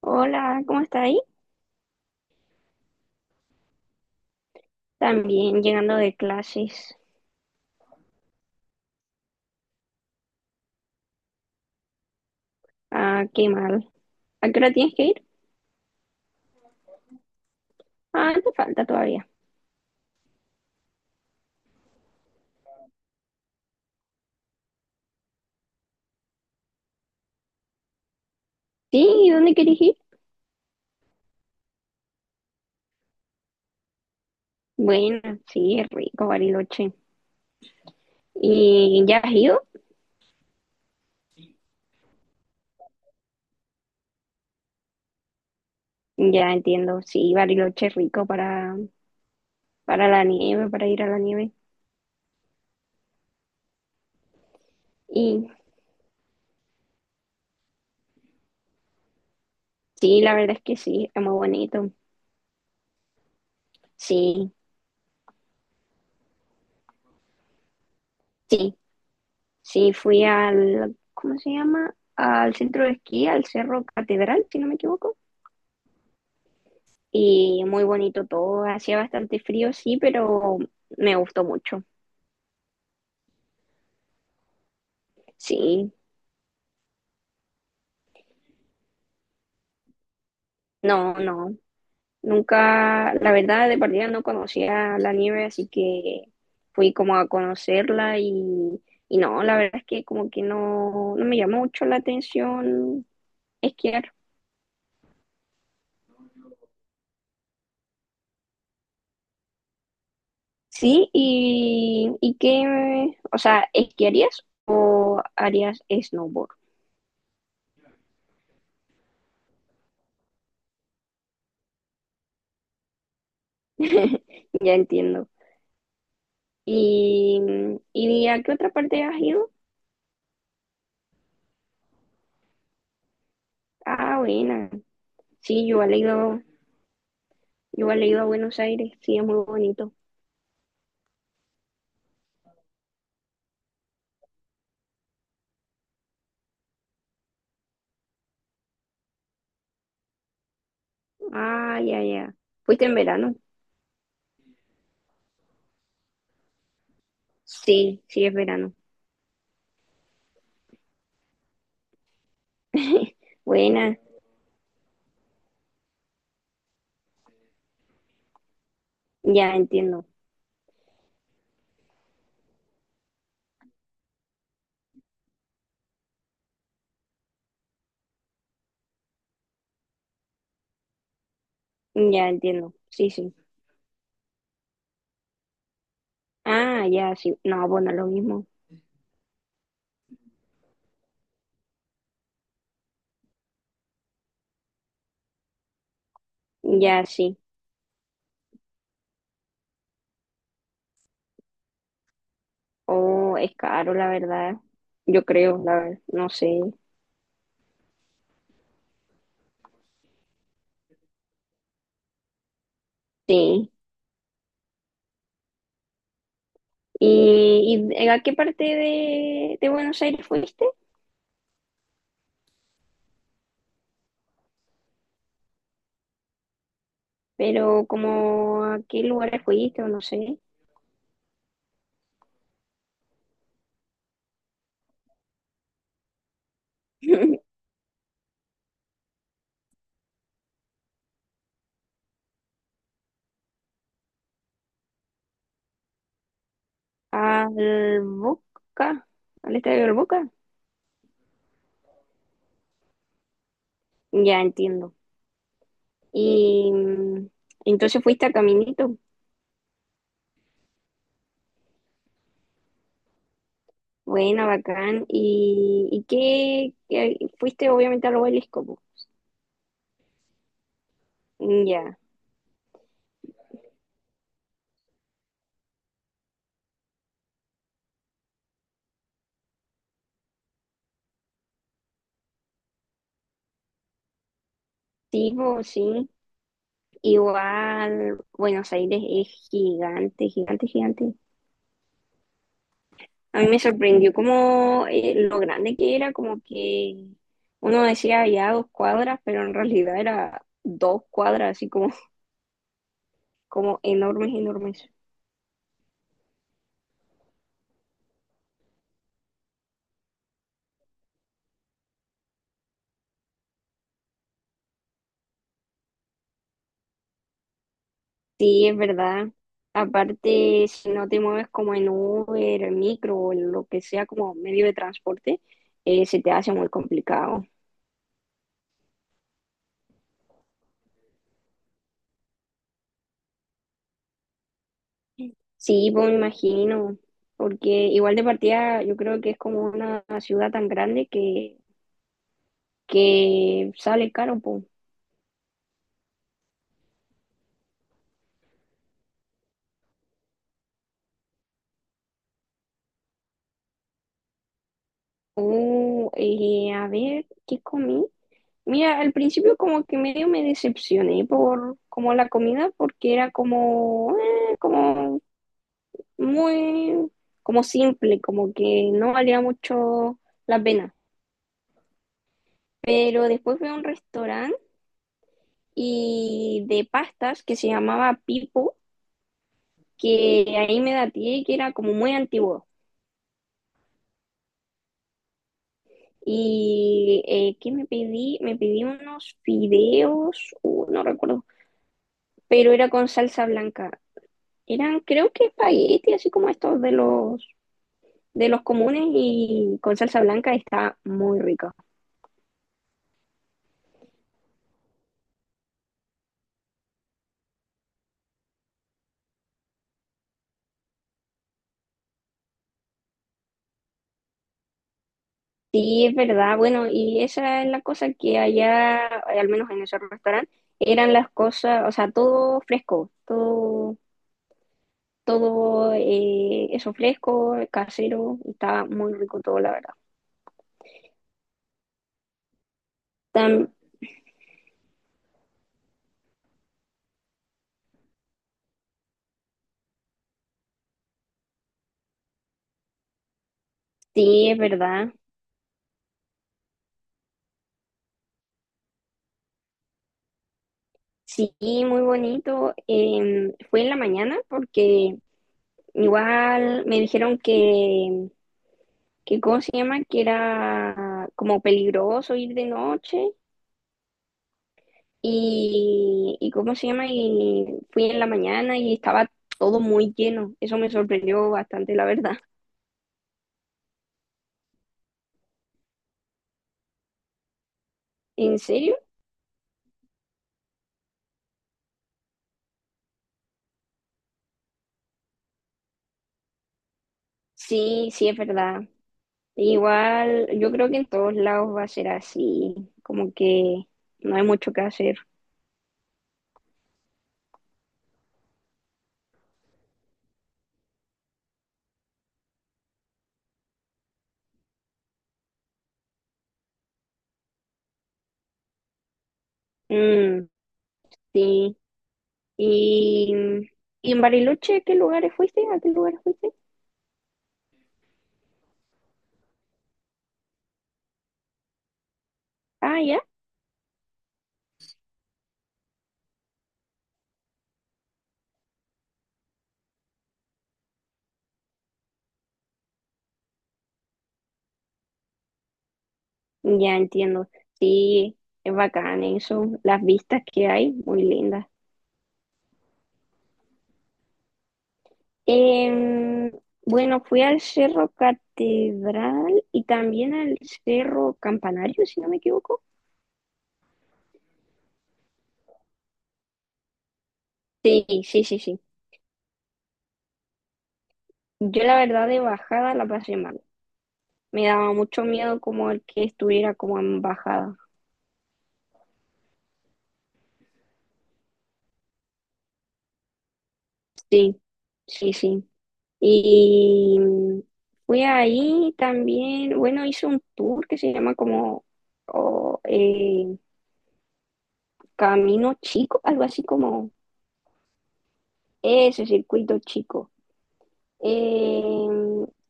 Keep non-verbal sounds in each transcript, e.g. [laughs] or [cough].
Hola, ¿cómo está ahí? También llegando de clases. Ah, qué mal. ¿A qué hora tienes que ir? Ah, te falta todavía. Sí, ¿y dónde quieres ir? Bueno, sí, es rico, Bariloche. ¿Y ya has ido? Ya entiendo, sí, Bariloche es rico para la nieve, para ir a la nieve. Y sí, la verdad es que sí, es muy bonito. Sí, sí, sí, fui al, ¿cómo se llama? Al centro de esquí, al Cerro Catedral, si no me equivoco. Y muy bonito todo. Hacía bastante frío, sí, pero me gustó mucho. Sí, no, no. Nunca, la verdad, de partida no conocía la nieve, así que fui como a conocerla y no, la verdad es que como que no, no me llamó mucho la atención esquiar. Sí, y qué, o sea, ¿esquiarías o harías snowboard? [laughs] Ya entiendo. ¿Y, y a qué otra parte has ido? Ah, buena. Sí, yo he leído a Buenos Aires. Sí, es muy bonito. Ah, ya, ya. ¿Fuiste en verano? Sí, sí, es verano. [laughs] Buena. Ya entiendo. Ya entiendo. Sí, sí. Ah, ya, sí. No, bueno, lo mismo. Ya, sí. Oh, es caro, la verdad. Yo creo, la verdad. No sé. Sí. Y a qué parte de Buenos Aires fuiste? Pero como a qué lugares fuiste o no sé. [laughs] Al Boca, al estadio del Boca. Ya entiendo. Y entonces fuiste a Caminito. Buena, bacán. Y qué, qué- Fuiste obviamente al obelisco po. Ya. Sí, po, sí. Igual Buenos Aires es gigante, gigante, gigante. A mí me sorprendió como lo grande que era, como que uno decía ya dos cuadras, pero en realidad era dos cuadras, así como, como enormes, enormes. Sí, es verdad. Aparte, si no te mueves como en Uber, en micro o en lo que sea como medio de transporte, se te hace muy complicado. Sí, pues me imagino, porque igual de partida yo creo que es como una ciudad tan grande que sale caro, pues. Oh, a ver, ¿qué comí? Mira, al principio como que medio me decepcioné por como la comida, porque era como, como muy como simple, como que no valía mucho la pena. Pero después fui a un restaurante y de pastas que se llamaba Pipo, que ahí me daté que era como muy antiguo. Y ¿qué me pedí? Me pedí unos fideos, no recuerdo, pero era con salsa blanca. Eran, creo que espagueti, así como estos de los comunes y con salsa blanca está muy rico. Sí, es verdad. Bueno, y esa es la cosa que allá, al menos en ese restaurante, eran las cosas, o sea, todo fresco, todo, todo eso fresco, casero, y estaba muy rico todo, la verdad. Tam- sí, es verdad. Sí, muy bonito. Fue en la mañana porque igual me dijeron que, ¿cómo se llama? Que era como peligroso ir de noche. Y ¿cómo se llama? Y fui en la mañana y estaba todo muy lleno. Eso me sorprendió bastante, la verdad. [laughs] ¿En serio? Sí, sí, es verdad. Igual, yo creo que en todos lados va a ser así, como que no hay mucho que hacer. Mm, sí. Y, y en Bariloche, ¿qué lugares fuiste? ¿A qué lugares fuiste? Ah, ya. Ya entiendo. Sí, es bacán eso. Las vistas que hay, muy lindas. Em, bueno, fui al Cerro Catedral y también al Cerro Campanario, si no me equivoco. Sí, sí, sí, sí. Yo la verdad de bajada la pasé mal. Me daba mucho miedo como el que estuviera como en bajada. Sí, sí, sí. Y fui ahí también, bueno, hice un tour que se llama como o, eh, Camino Chico, algo así como ese circuito chico. Eh,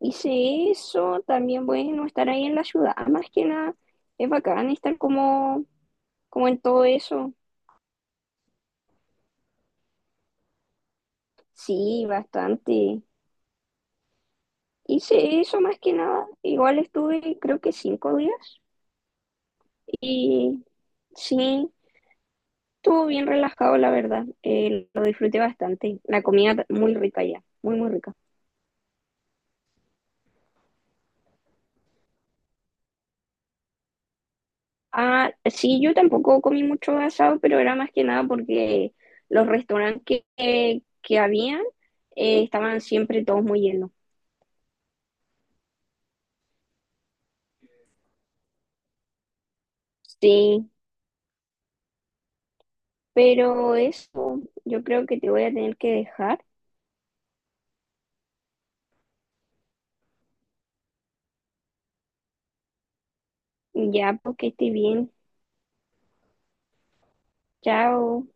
hice eso, también bueno, estar ahí en la ciudad, más que nada, es bacán estar como, como en todo eso. Sí, bastante. Hice eso más que nada, igual estuve creo que 5 días y sí, estuvo bien relajado la verdad. Lo disfruté bastante, la comida muy rica ya, muy muy rica. Ah, sí, yo tampoco comí mucho asado, pero era más que nada porque los restaurantes que habían estaban siempre todos muy llenos. Sí, pero eso yo creo que te voy a tener que dejar ya porque estoy bien. Chao.